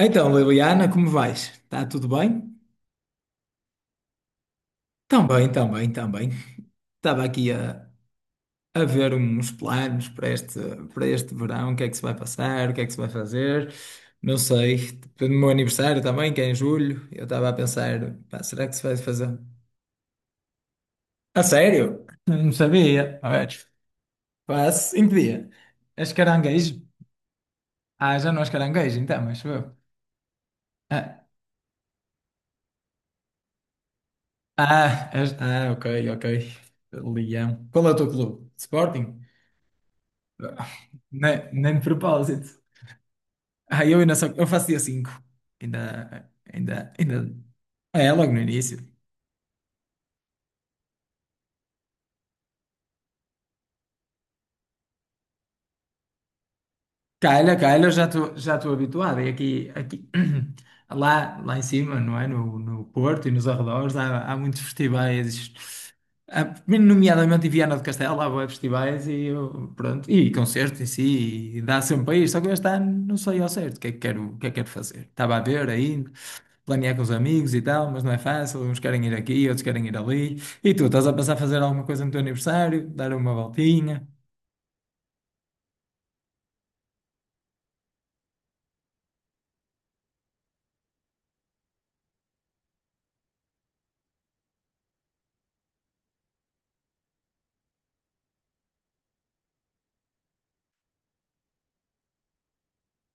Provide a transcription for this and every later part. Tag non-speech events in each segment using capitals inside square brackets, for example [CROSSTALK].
Então, Liliana, como vais? Está tudo bem? Tão bem, tão bem, tão bem. Estava aqui a ver uns planos para este verão, o que é que se vai passar, o que é que se vai fazer, não sei. Tipo, no meu aniversário também, que é em julho, eu estava a pensar, pá, será que se vai fazer? A sério? Não sabia. A ver. Pá, em que dia? És caranguejo? Ah, já não és caranguejo, então, mas eu. Ah, ah, és. Ah, ok, ok. Leão. Qual é o teu clube? Sporting? Nem de propósito. Ah, eu faço dia 5. Ainda, ainda, ainda. É, logo no início. Calha, eu já estou habituado. E aqui [CLEARS THROAT] lá em cima, não é? No Porto e nos arredores, há muitos festivais. Há, nomeadamente em Viana do Castelo, há bué festivais e eu, pronto, e concertos em si, e dá sempre para ir. Só que este ano não sei ao certo o que é que quero, o que é que quero fazer. Estava a ver aí, planear com os amigos e tal, mas não é fácil. Uns querem ir aqui, outros querem ir ali. E tu, estás a pensar fazer alguma coisa no teu aniversário? Dar uma voltinha?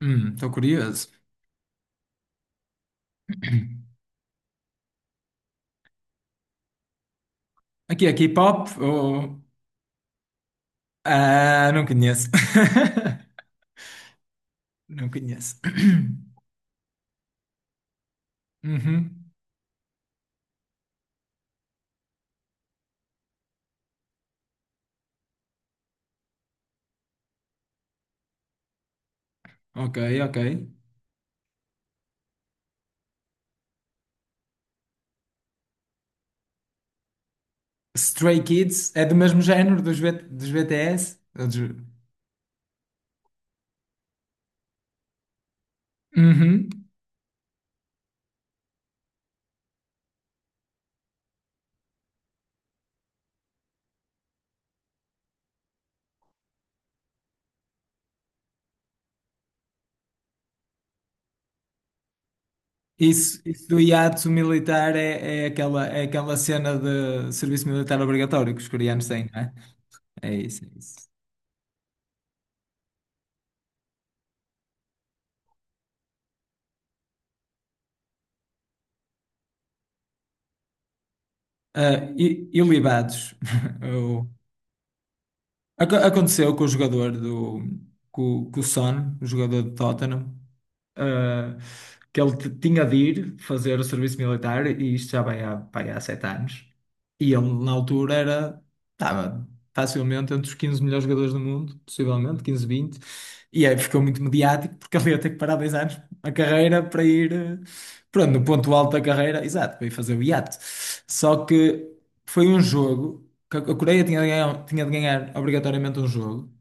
Estou curioso. [CLEARS THROAT] Aqui é K-pop ou. Ah, não conheço. [LAUGHS] Não conheço. [CLEARS THROAT] Uhum. Ok, ok. Stray Kids é do mesmo género dos BTS? Ou dos- Uhum. Isso do hiato militar é aquela cena de serviço militar obrigatório que os coreanos têm, não é? É isso, é isso. Ah, e libados? [LAUGHS] Eu. Aconteceu com o jogador do. Com o Son, o jogador do Tottenham, eh, que ele tinha de ir fazer o serviço militar, e isto já vai há 7 anos. E ele, na altura, estava facilmente entre os 15 melhores jogadores do mundo, possivelmente, 15, 20. E aí ficou muito mediático, porque ele ia ter que parar 2 anos a carreira para ir, pronto, no ponto alto da carreira, exato, para ir fazer o iate. Só que foi um jogo que a Coreia tinha de ganhar obrigatoriamente um jogo,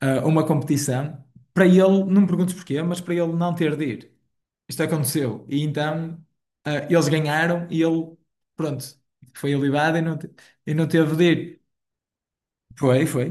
uma competição, para ele, não me perguntes porquê, mas para ele não ter de ir. Isto aconteceu. E então eles ganharam e ele, pronto, foi alivado e e não teve de ir. Foi, foi.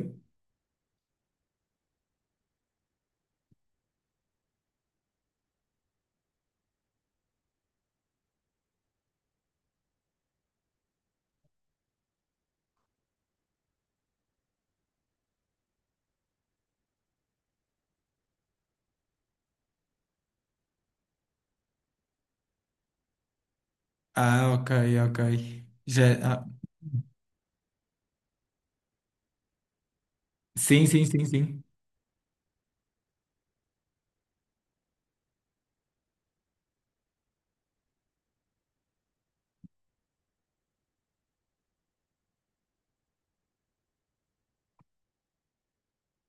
Ah, ok, ok. Já, sim, sim, sim, sim.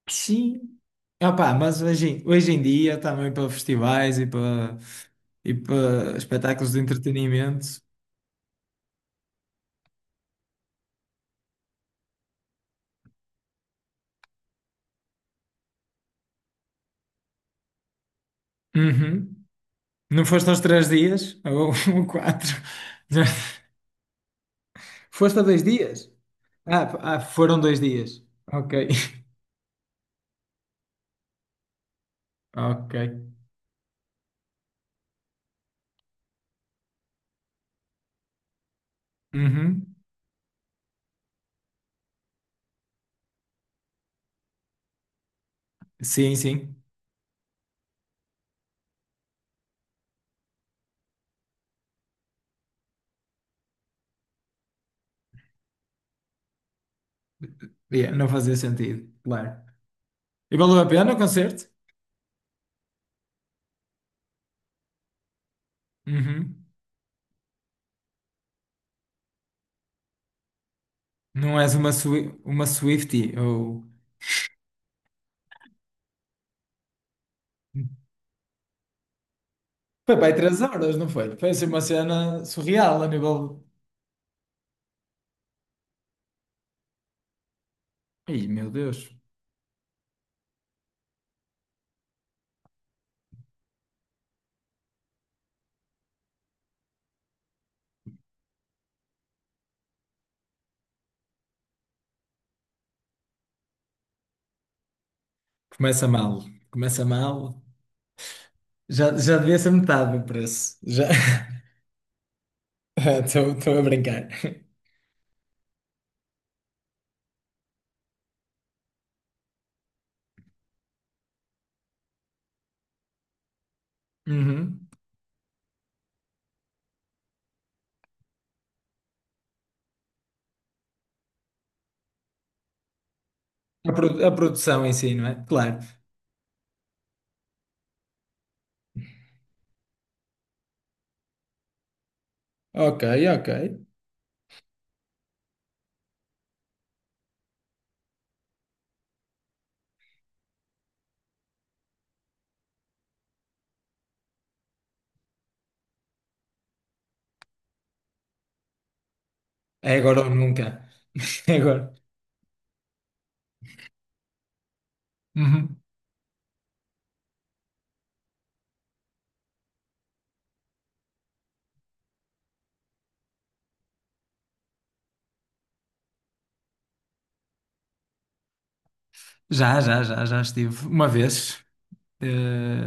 Sim. Opá, mas hoje em dia, também para festivais e para espetáculos de entretenimento. Uhum. Não foste aos 3 dias? Ou [LAUGHS] quatro? Já- Foste a 2 dias? Ah, foram 2 dias. Ok. [LAUGHS] Ok. Uhum. Sim, sim. Yeah, não fazia sentido, claro. E valeu a pena o concerto? Uhum. Não és uma Swiftie ou. Foi para aí 3 horas, não foi? Foi assim uma cena surreal a nível. Ih, meu Deus. Começa mal. Começa mal. Já devia ser metade do preço. Já. [LAUGHS] Estou a brincar. Uhum. A produção em si, não é? Claro. Ok, ok. É agora ou nunca. [LAUGHS] É agora. Uhum. Já, já, já, já estive uma vez, eh,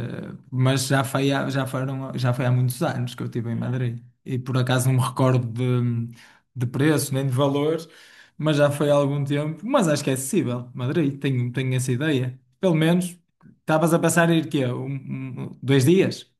mas já foi há muitos anos que eu estive em Madrid. E por acaso não me recordo de preço nem de valores, mas já foi há algum tempo. Mas acho que é acessível. Madrid, tenho essa ideia. Pelo menos estavas a pensar em ir quê? Dois dias?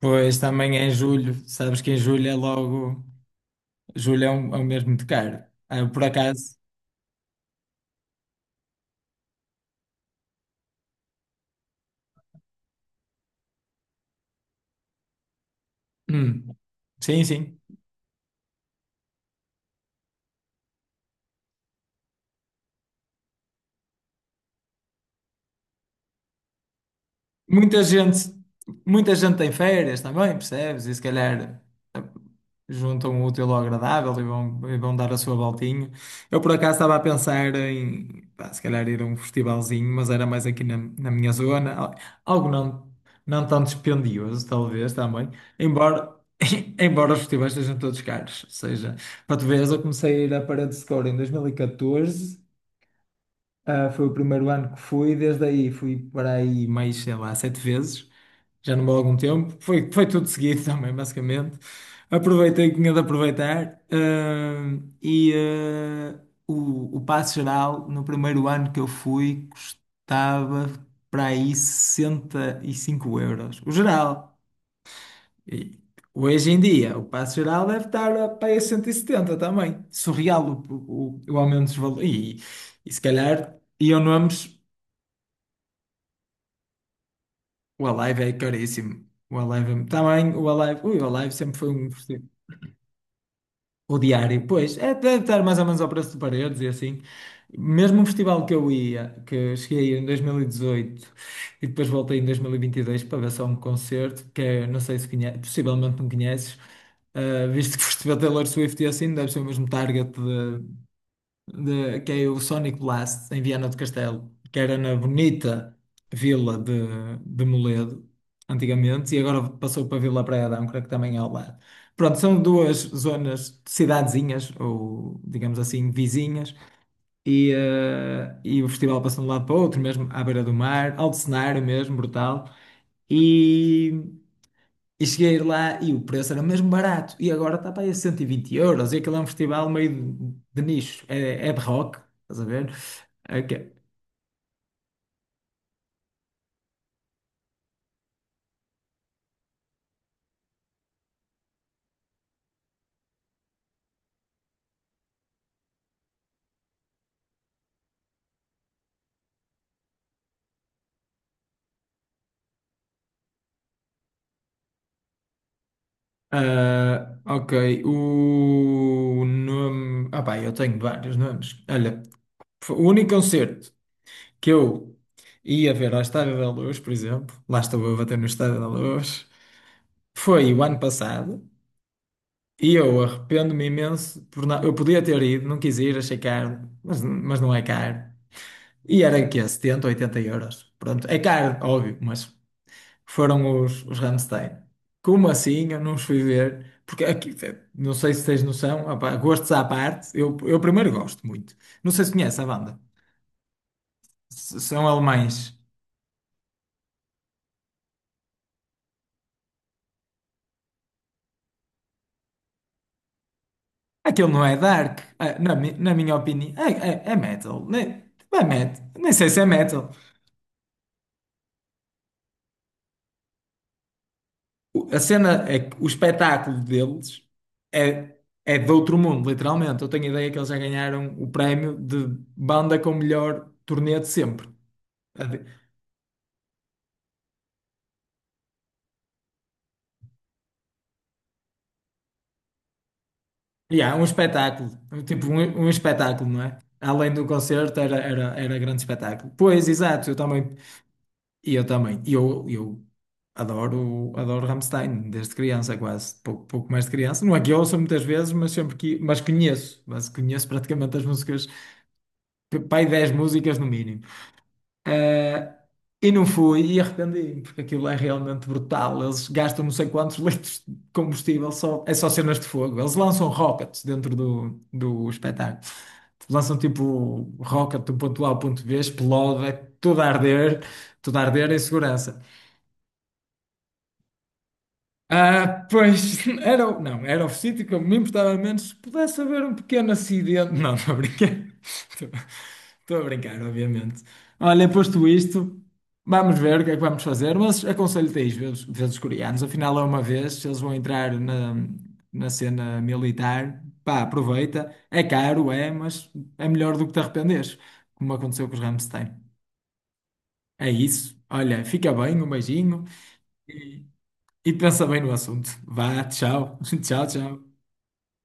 Pois também é em julho, sabes que em julho é logo. Julho é um mês muito caro. Ah, por acaso. Hum, sim, sim. Muita gente, muita gente tem férias também, percebes? E se calhar eh, juntam o útil ao agradável e e vão dar a sua voltinha. Eu por acaso estava a pensar em, pá, se calhar ir a um festivalzinho, mas era mais aqui na minha zona, algo não tão dispendioso, talvez também, embora. [LAUGHS] Embora os festivais sejam todos caros, ou seja, para tu veres, eu comecei a ir à Parede Score em 2014, foi o primeiro ano que fui, desde aí fui para aí mais, sei lá, sete vezes, já não vou há algum tempo. Foi tudo seguido [LAUGHS] também, basicamente. Aproveitei o que tinha de aproveitar. O passo geral, no primeiro ano que eu fui, custava para aí 65 euros. O geral. E hoje em dia, o passo geral deve estar para aí a 170 também. Surreal o aumento dos valores. E se calhar iam nomes. O Alive é caríssimo. O Alive também. O Alive. Ui, o Alive sempre foi um. O diário, pois, é, deve estar mais ou menos ao preço de paredes e assim. Mesmo um festival que eu ia, que cheguei a ir em 2018 e dezoito e depois voltei em 2022 para ver só um concerto, que é, não sei se conheces, possivelmente não conheces, visto que foste ver Taylor Swift e assim, deve ser o mesmo target que é o Sonic Blast, em Viana do Castelo, que era na bonita vila de Moledo, antigamente, e agora passou para a Vila Praia de Âncora, que também é ao lado. Pronto, são duas zonas, cidadezinhas, ou digamos assim, vizinhas, e o festival passa de um lado para o outro, mesmo à beira do mar, alto cenário mesmo, brutal. E. E cheguei lá e o preço era mesmo barato. E agora está para aí a 120 euros. E aquilo é um festival meio de nicho. É de rock, estás a ver? Ok. Ah, ok. O nome. Ah, pá, eu tenho vários nomes. Olha, foi o único concerto que eu ia ver à Estádio da Luz, por exemplo, lá estou eu a bater no Estádio da Luz, foi o ano passado. E eu arrependo-me imenso por não. Eu podia ter ido, não quis ir, achei caro, mas não é caro. E era aqui é 70, 80 euros. Pronto, é caro, óbvio, mas foram os Rammstein. Como assim? Eu não os fui ver. Porque aqui, não sei se tens noção, opá, gostos à parte, eu primeiro gosto muito. Não sei se conhece a banda. São alemães. Aquilo não é dark, na minha opinião. É metal. Nem, é metal. Nem sei se é metal. A cena é que o espetáculo deles é, é de outro mundo, literalmente. Eu tenho a ideia que eles já ganharam o prémio de banda com o melhor turnê de sempre. A de- E há um espetáculo, tipo um espetáculo, não é? Além do concerto, era grande espetáculo. Pois, exato, eu também. E eu também. E eu adoro, adoro Rammstein, desde criança, quase. Pouco, pouco mais de criança. Não é que eu ouço muitas vezes, mas sempre que. Mas conheço. Mas conheço praticamente as músicas. Pai, 10 músicas no mínimo. Eh, e não fui e arrependi-me, porque aquilo é realmente brutal. Eles gastam não sei quantos [LAUGHS] litros de combustível, é só cenas de fogo. Eles lançam rockets dentro do espetáculo. Lançam tipo rocket do ponto A ao ponto B, explode, é tudo a arder, tudo a arder em segurança. Ah, pois, [LAUGHS] não, era o sítio que eu me importava menos se pudesse haver um pequeno acidente. [LAUGHS] Não, estou a brincar. [LAUGHS] Estou estou a brincar, obviamente. Olha, posto isto, vamos ver o que é que vamos fazer, mas aconselho-te a ir ver os coreanos. Afinal, é uma vez, eles vão entrar na cena militar. Pá, aproveita. É caro, é, mas é melhor do que te arrependeres, como aconteceu com os Rammstein. É isso. Olha, fica bem, um beijinho e pensa bem no assunto. Vá, tchau. [LAUGHS] Tchau, tchau.